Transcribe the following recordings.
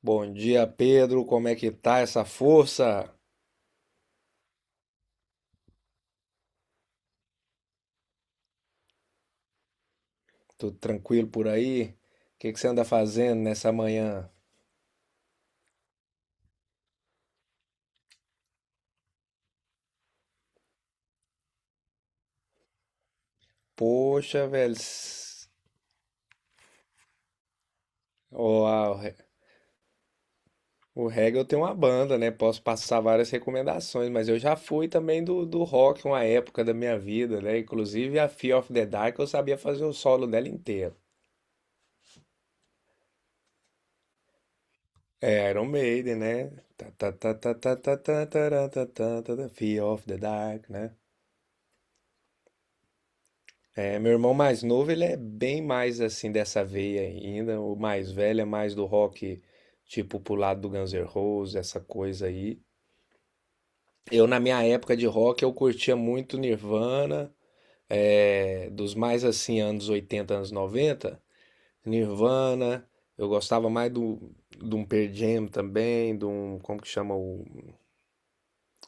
Bom dia, Pedro. Como é que tá essa força? Tudo tranquilo por aí? O que que você anda fazendo nessa manhã? Poxa, velho. Ó, a- o, re- O reggae eu tenho uma banda, né? Posso passar várias recomendações, mas eu já fui também do rock uma época da minha vida, né? Inclusive a Fear of the Dark eu sabia fazer o solo dela inteiro. É Iron Maiden, né? Tá, tá, tá, tá, tá, tá, tá, tá, tá, tá, tá, tá, Fear of the Dark, né? É, meu irmão mais novo, ele é bem mais assim dessa veia ainda. O mais velho é mais do rock, tipo pro lado do Guns N' Roses, essa coisa aí. Eu, na minha época de rock, eu curtia muito Nirvana, é, dos mais assim, anos 80, anos 90. Nirvana, eu gostava mais de um Pearl Jam também, de um, como que chama o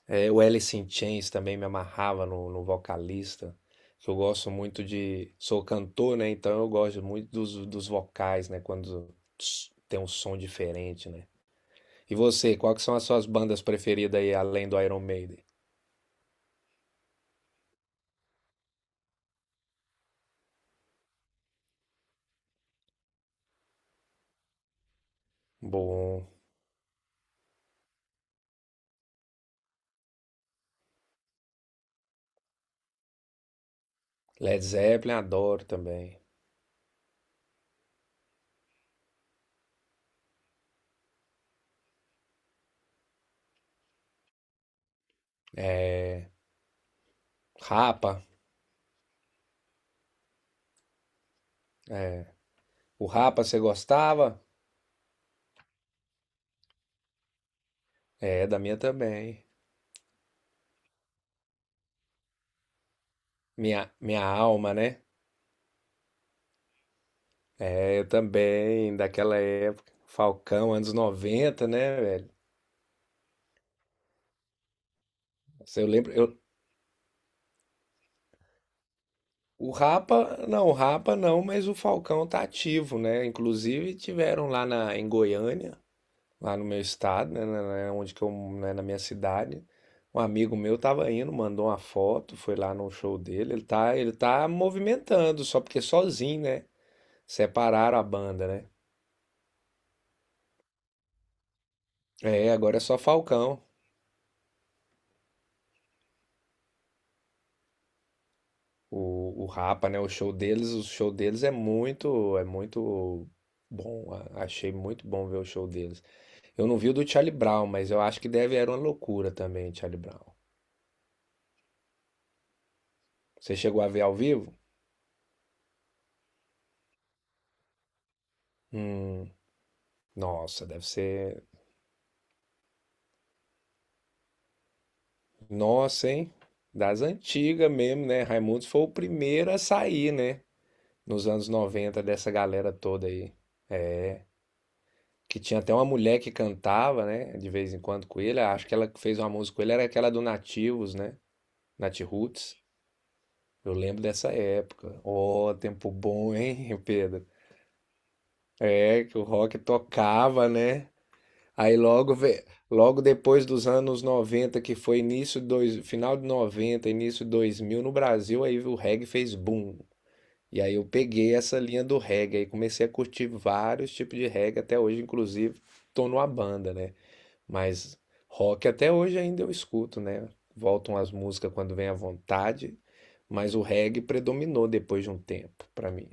É, o Alice in Chains também me amarrava no vocalista, que eu gosto muito de. Sou cantor, né? Então eu gosto muito dos vocais, né? Quando tss, tem um som diferente, né? E você, quais são as suas bandas preferidas aí, além do Iron Maiden? Bom, Led Zeppelin adoro também. É, Rapa, é. O Rapa você gostava? É, da minha também. Minha alma, né? É, eu também, daquela época. Falcão, anos 90 né, velho? Eu lembro, eu- o Rapa, não, o Rapa não, mas o Falcão tá ativo, né? Inclusive tiveram lá na, em Goiânia, lá no meu estado, né, onde que eu, né, na minha cidade. Um amigo meu tava indo, mandou uma foto, foi lá no show dele. Ele tá movimentando, só porque sozinho, né? Separaram a banda, né? É, agora é só Falcão. O Rapa, né? O show deles é muito bom. Achei muito bom ver o show deles. Eu não vi o do Charlie Brown, mas eu acho que deve era uma loucura também, Charlie Brown. Você chegou a ver ao vivo? Hum, nossa, deve ser. Nossa, hein? Das antigas mesmo, né? Raimundos foi o primeiro a sair, né? Nos anos 90 dessa galera toda aí. Que tinha até uma mulher que cantava, né? De vez em quando com ele. Acho que ela que fez uma música com ele era aquela do Nativos, né? Nat Roots. Eu lembro dessa época. Oh, tempo bom, hein, Pedro? É que o rock tocava, né? Aí logo, ve- Logo depois dos anos 90 que foi início dois, final de 90 início 2000 no Brasil, aí o reggae fez boom. E aí eu peguei essa linha do reggae e comecei a curtir vários tipos de reggae até hoje, inclusive tô numa banda, né? Mas rock até hoje ainda eu escuto, né? Voltam as músicas quando vem à vontade, mas o reggae predominou depois de um tempo pra mim.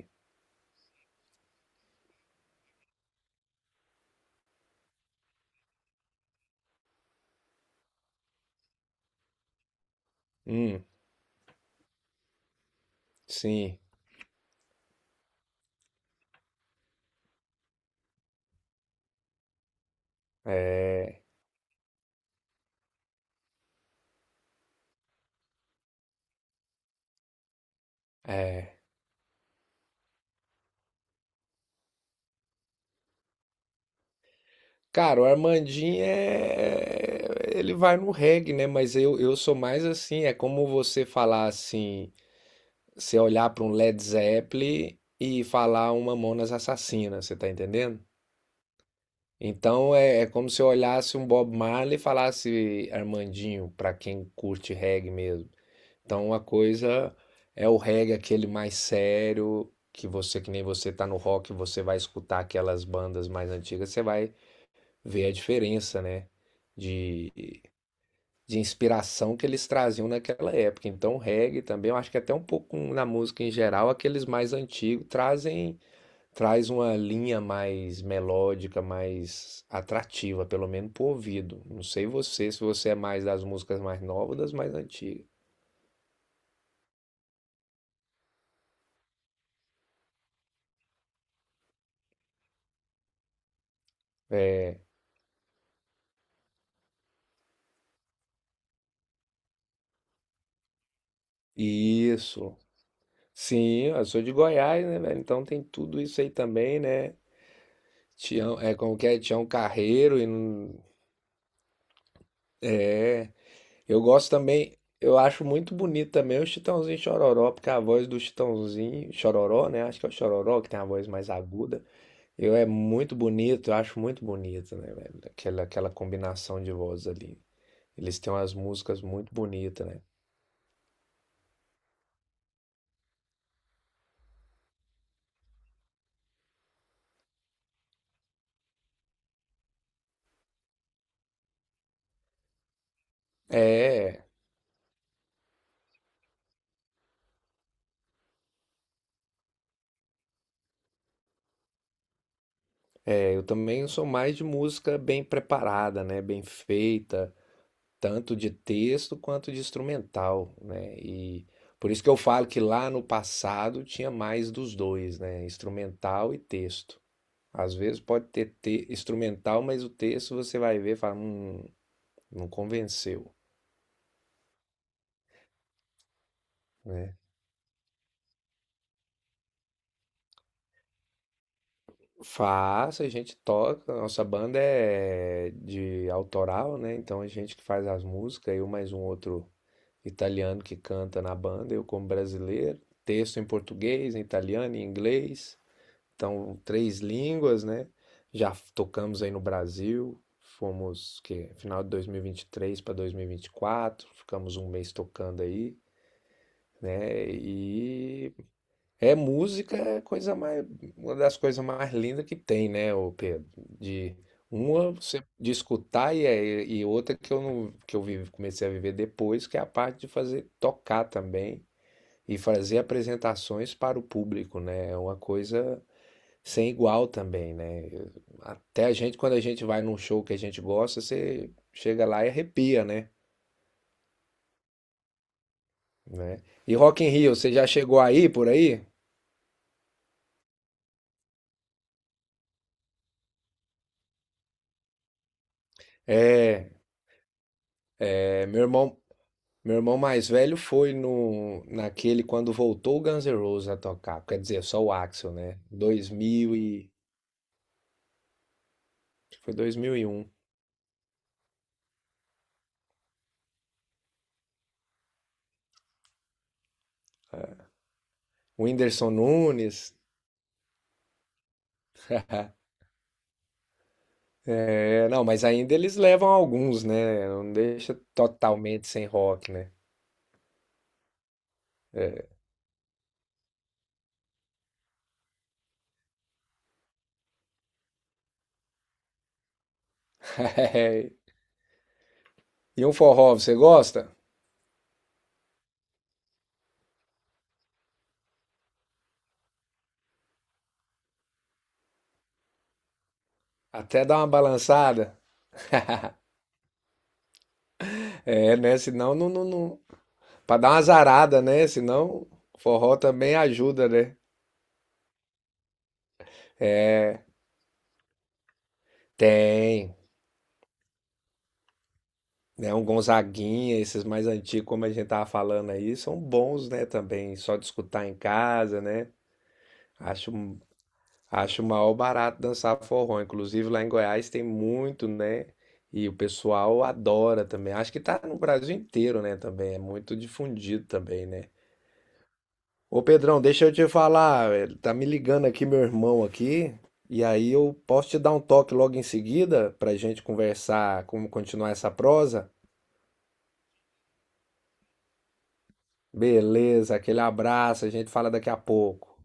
Hum, sim, é, é. Cara, o Armandinho é. Ele vai no reggae, né? Mas eu sou mais assim. É como você falar assim. Você olhar para um Led Zeppelin e falar uma Mamonas Assassina, você tá entendendo? Então é, é como se eu olhasse um Bob Marley e falasse Armandinho, pra quem curte reggae mesmo. Então uma coisa é o reggae, aquele mais sério, que você, que nem você tá no rock, você vai escutar aquelas bandas mais antigas, você vai ver a diferença, né? De, de inspiração que eles traziam naquela época. Então, o reggae também, eu acho que até um pouco na música em geral, aqueles mais antigos trazem traz uma linha mais melódica, mais atrativa, pelo menos pro ouvido. Não sei você, se você é mais das músicas mais novas ou das mais antigas. Isso. Sim, eu sou de Goiás, né, velho? Então tem tudo isso aí também, né? Tião, é como que é? Tião Carreiro e não- é eu gosto também, eu acho muito bonito também o Chitãozinho e Chororó, porque a voz do Chitãozinho Chororó, né? Acho que é o Chororó que tem a voz mais aguda. Eu é muito bonito, eu acho muito bonito, né, velho? Aquela, aquela combinação de vozes ali. Eles têm umas músicas muito bonitas, né? É, é, eu também sou mais de música bem preparada, né? Bem feita. Tanto de texto quanto de instrumental, né? E por isso que eu falo que lá no passado tinha mais dos dois, né? Instrumental e texto. Às vezes pode ter instrumental, mas o texto você vai ver e fala, não convenceu, né? Faço, a gente toca, a nossa banda é de autoral, né? Então a gente que faz as músicas, eu mais um outro italiano que canta na banda, eu como brasileiro, texto em português, em italiano, em inglês. Então, três línguas, né? Já tocamos aí no Brasil, fomos que final de dois mil e vinte e três para dois mil e vinte e quatro ficamos um mês tocando aí, né? E é música, é coisa mais uma das coisas mais lindas que tem, né, ô Pedro? De uma você de escutar e, e outra que eu não que eu vive, comecei a viver depois, que é a parte de fazer tocar também e fazer apresentações para o público, né? É uma coisa sem igual também, né? Até a gente, quando a gente vai num show que a gente gosta, você chega lá e arrepia, né? Né? E Rock in Rio, você já chegou aí, por aí? É, é, meu irmão mais velho foi no, naquele quando voltou o Guns N' Roses a tocar. Quer dizer, só o Axl, né? Dois mil e... acho que foi 2001. O Whindersson Nunes. É, não, mas ainda eles levam alguns, né? Não deixa totalmente sem rock, né? É. E um forró, você gosta? Até dá uma balançada. É, né? Senão não, não, não... Pra dar uma zarada, né? Senão forró também ajuda, né? Tem. Né, um Gonzaguinha, esses mais antigos, como a gente tava falando aí, são bons, né, também. Só de escutar em casa, né? Acho, acho o maior barato dançar forró. Inclusive lá em Goiás tem muito, né? E o pessoal adora também. Acho que tá no Brasil inteiro, né, também. É muito difundido também, né? Ô Pedrão, deixa eu te falar, tá me ligando aqui meu irmão aqui, e aí eu posso te dar um toque logo em seguida pra gente conversar como continuar essa prosa? Beleza, aquele abraço, a gente fala daqui a pouco.